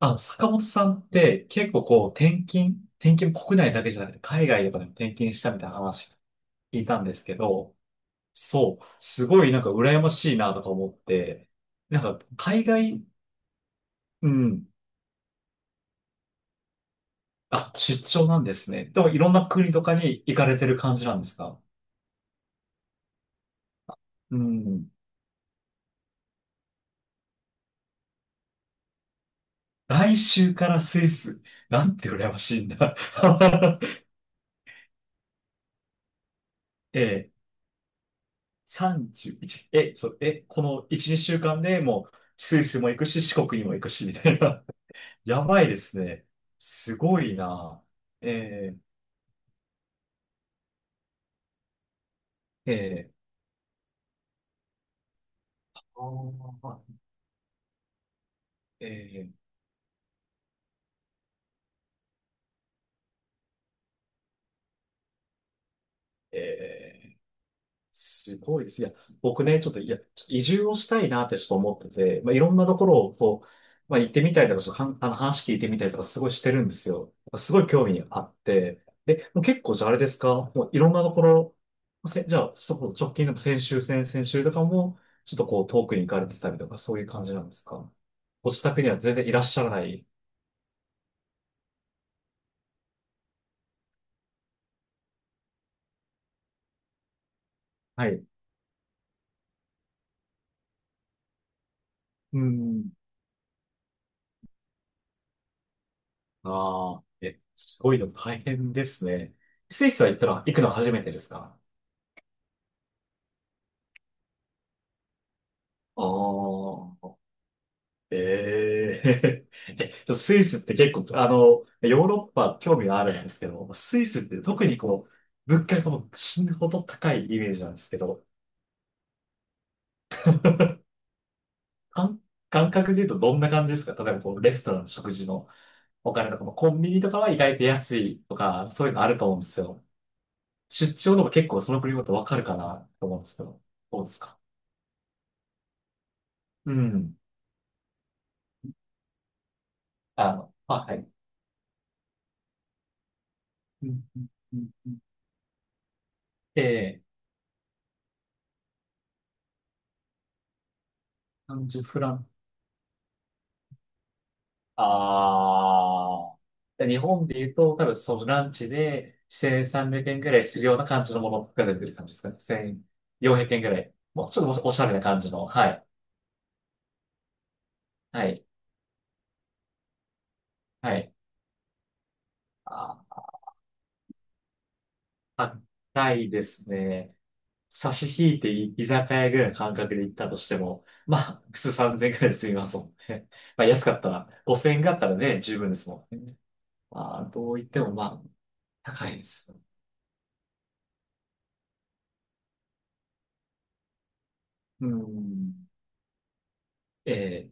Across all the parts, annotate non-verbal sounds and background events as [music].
坂本さんって結構こう転勤も国内だけじゃなくて海外とかでもね転勤したみたいな話聞いたんですけど、そう、すごいなんか羨ましいなとか思って、なんか海外、うん、あ、出張なんですね。でもいろんな国とかに行かれてる感じなんですか？うん。来週からスイス。なんて羨ましいんだ。[laughs] えー、31、え、そう、え、この1、2週間でもうスイスも行くし、四国にも行くし、みたいな。やばいですね。すごいな。えー、えー、あーえー、えー、すごいです。いや、僕ね、ちょっと、いや、ちょっと移住をしたいなってちょっと思ってて、まあ、いろんなところをこう、まあ、行ってみたりとか、ちょっとかんあの話聞いてみたりとか、すごいしてるんですよ。すごい興味あって。え、もう結構じゃああれですか？もういろんなところ、じゃあ、そこ直近でも先週、先々週とかも、ちょっとこう遠くに行かれてたりとか、そういう感じなんですか？ご自宅には全然いらっしゃらない。はい。うん。ああ、え、すごいの大変ですね。スイスは行ったら行くの初めてですか？ああ。ええ。 [laughs] スイスって結構、ヨーロッパ興味があるんですけど、スイスって特にこう、物価がもう死ぬほど高いイメージなんですけど、感、感覚で言うとどんな感じですか？例えばこう、レストランの食事のお金とかも、コンビニとかは意外と安いとか、そういうのあると思うんですよ。出張でも結構その国ごとわかるかなと思うんですけど、どうですか？うん。あ、はい。うん。うん、うん、うん、ええ、なんじゅうフラン。ああ。で日本で言うと、多分そのランチで1300円ぐらいするような感じのものが出てる感じですかね。1400円ぐらい。もうちょっとおしゃれな感じの。はい。はい。はい。あー、高いですね。差し引いて居酒屋ぐらいの感覚で行ったとしても、まあ、普通3000円ぐらいで済みますもんね。[laughs] まあ、安かったら、5000円があったらね、十分ですもんね。まあ、どう言ってもまあ、高いです。うん。ええ。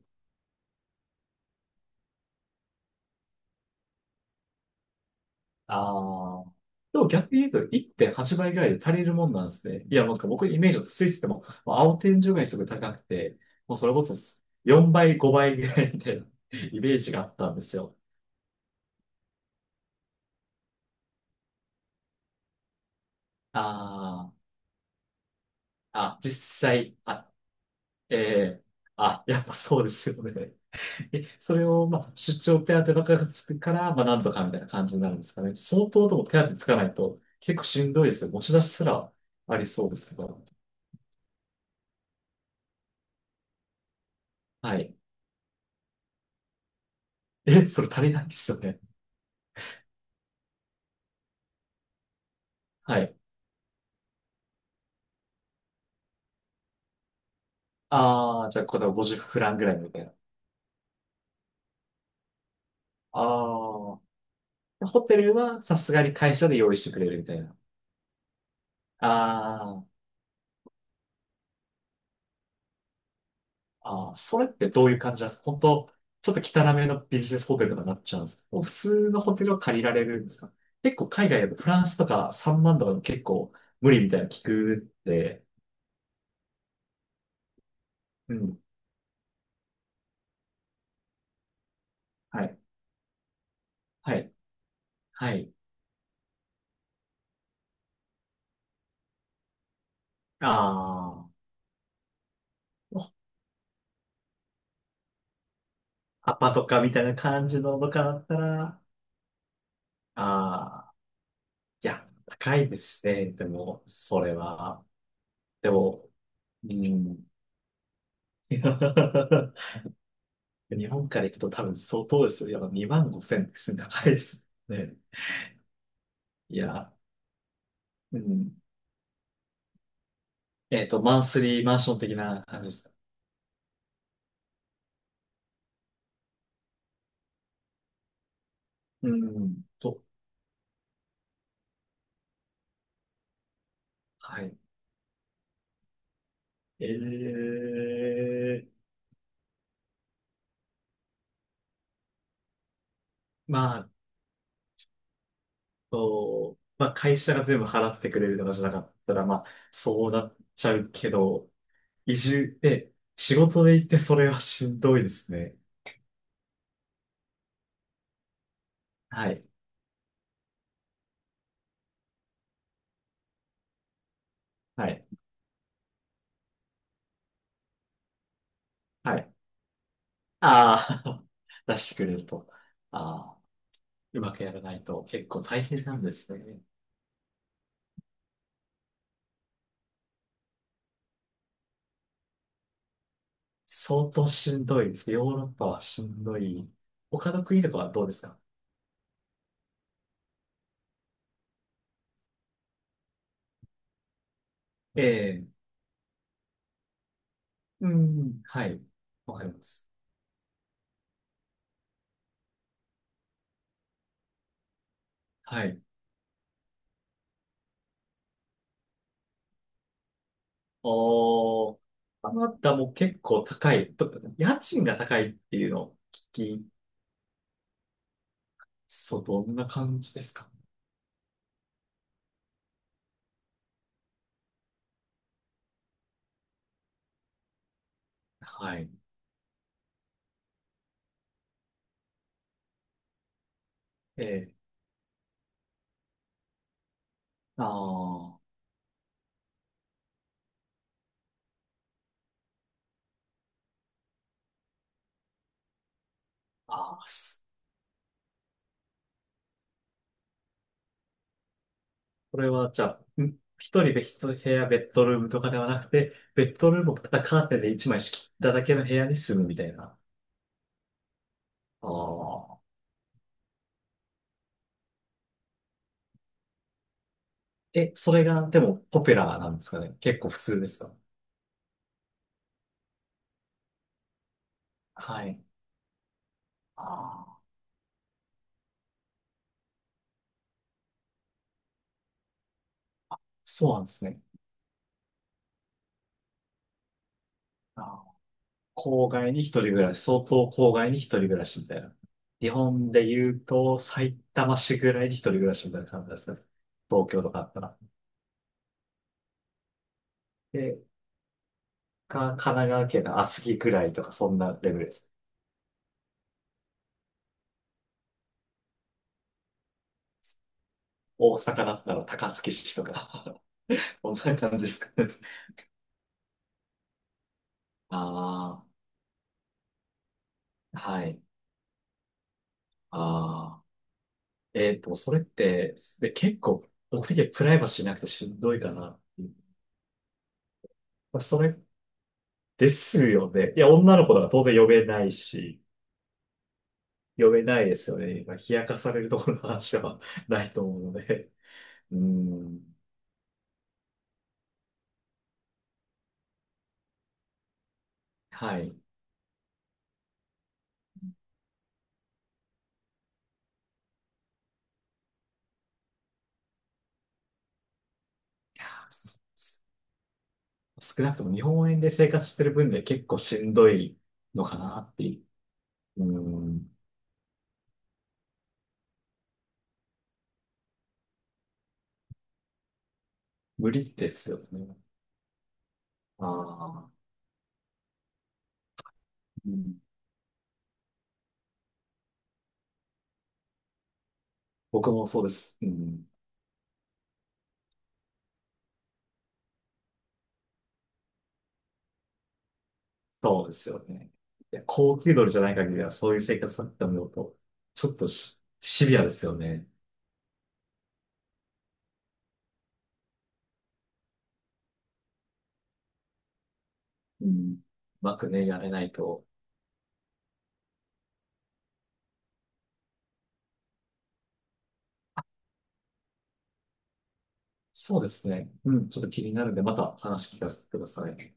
ああ。でも逆に言うと1.8倍ぐらいで足りるもんなんですね。いや、なんか僕のイメージだとスイスでも、まあ青天井がにすごい高くて、もうそれこそ4倍、5倍ぐらいみたいな [laughs] イメージがあったんですよ。ああ、あ、実際、あ、ええ、あ、やっぱそうですよね。え、それを、まあ、出張手当ばっかりつくから、まあ、なんとかみたいな感じになるんですかね。相当でも手当つかないと、結構しんどいですよ。持ち出しすらありそうですけど。はい。え、それ足りないですよね。はい。ああ、じゃあ、これは50フランぐらいみたいな。ああ。ホテルはさすがに会社で用意してくれるみたいな。ああ。ああ、それってどういう感じなんですか？本当、ちょっと汚めのビジネスホテルとかになっちゃうんですか？もう普通のホテルを借りられるんですか？結構海外だとフランスとか3万とかでも結構無理みたいなの聞くって、うん。はい。はい。はい。ああ、アパとかみたいな感じのとかだったら、ああ、いや、高いですね。でも、それは。でも、うん。[laughs] 日本から行くと多分相当ですよ。やっぱ2万5千ですね。高いですね。いや、うん。マンスリーマンション的な感じですか？うん。はい。ええ。まあ、まあ、会社が全部払ってくれるとかじゃなかったら、まあ、そうなっちゃうけど、移住で、仕事で行ってそれはしんどいですね。はい。はい。はい。ああ。[laughs] 出してくれると。ああ、うまくやらないと結構大変なんですね。相当しんどいですね。ヨーロッパはしんどい。他の国とかはどうですか？ええ。うん。はい。わかります。はい。おー。カナダも結構高い。と家賃が高いっていうのを聞き、そう、どんな感じですか？はい。ええ。あーあー、すこれはじゃあ、一人で一部屋、ベッドルームとかではなくて、ベッドルームをただカーテンで一枚仕切っただけの部屋に住むみたいな。ああ。え、それが、でも、ポピュラーなんですかね。結構普通ですか？はい。ああ、そうなんですね。あー郊外に一人暮らし、相当郊外に一人暮らしみたいな。日本で言うと、埼玉市ぐらいに一人暮らしみたいな感じですかね。東京とかあったら。で、神奈川県の厚木ぐらいとか、そんなレベルです。大阪だったら高槻市とか [laughs] こんな感じですかね。ああ、はい。ああ。それって、で、結構、僕的にはプライバシーなくてしんどいかなっていう。まあ、それですよね。いや、女の子だから当然呼べないし、呼べないですよね。まあ、冷やかされるところの話では [laughs] ないと思うので。うん。はい。少なくとも日本円で生活してる分で結構しんどいのかなっていう。うん。無理ですよね。ああ。うん。僕もそうです。うん。そうですよね。いや、高級鳥じゃない限りは、そういう生活だって思うと、ちょっとシビアですよね。うん。うまくね、やれないと。そうですね。うん、ちょっと気になるんで、また話聞かせてください。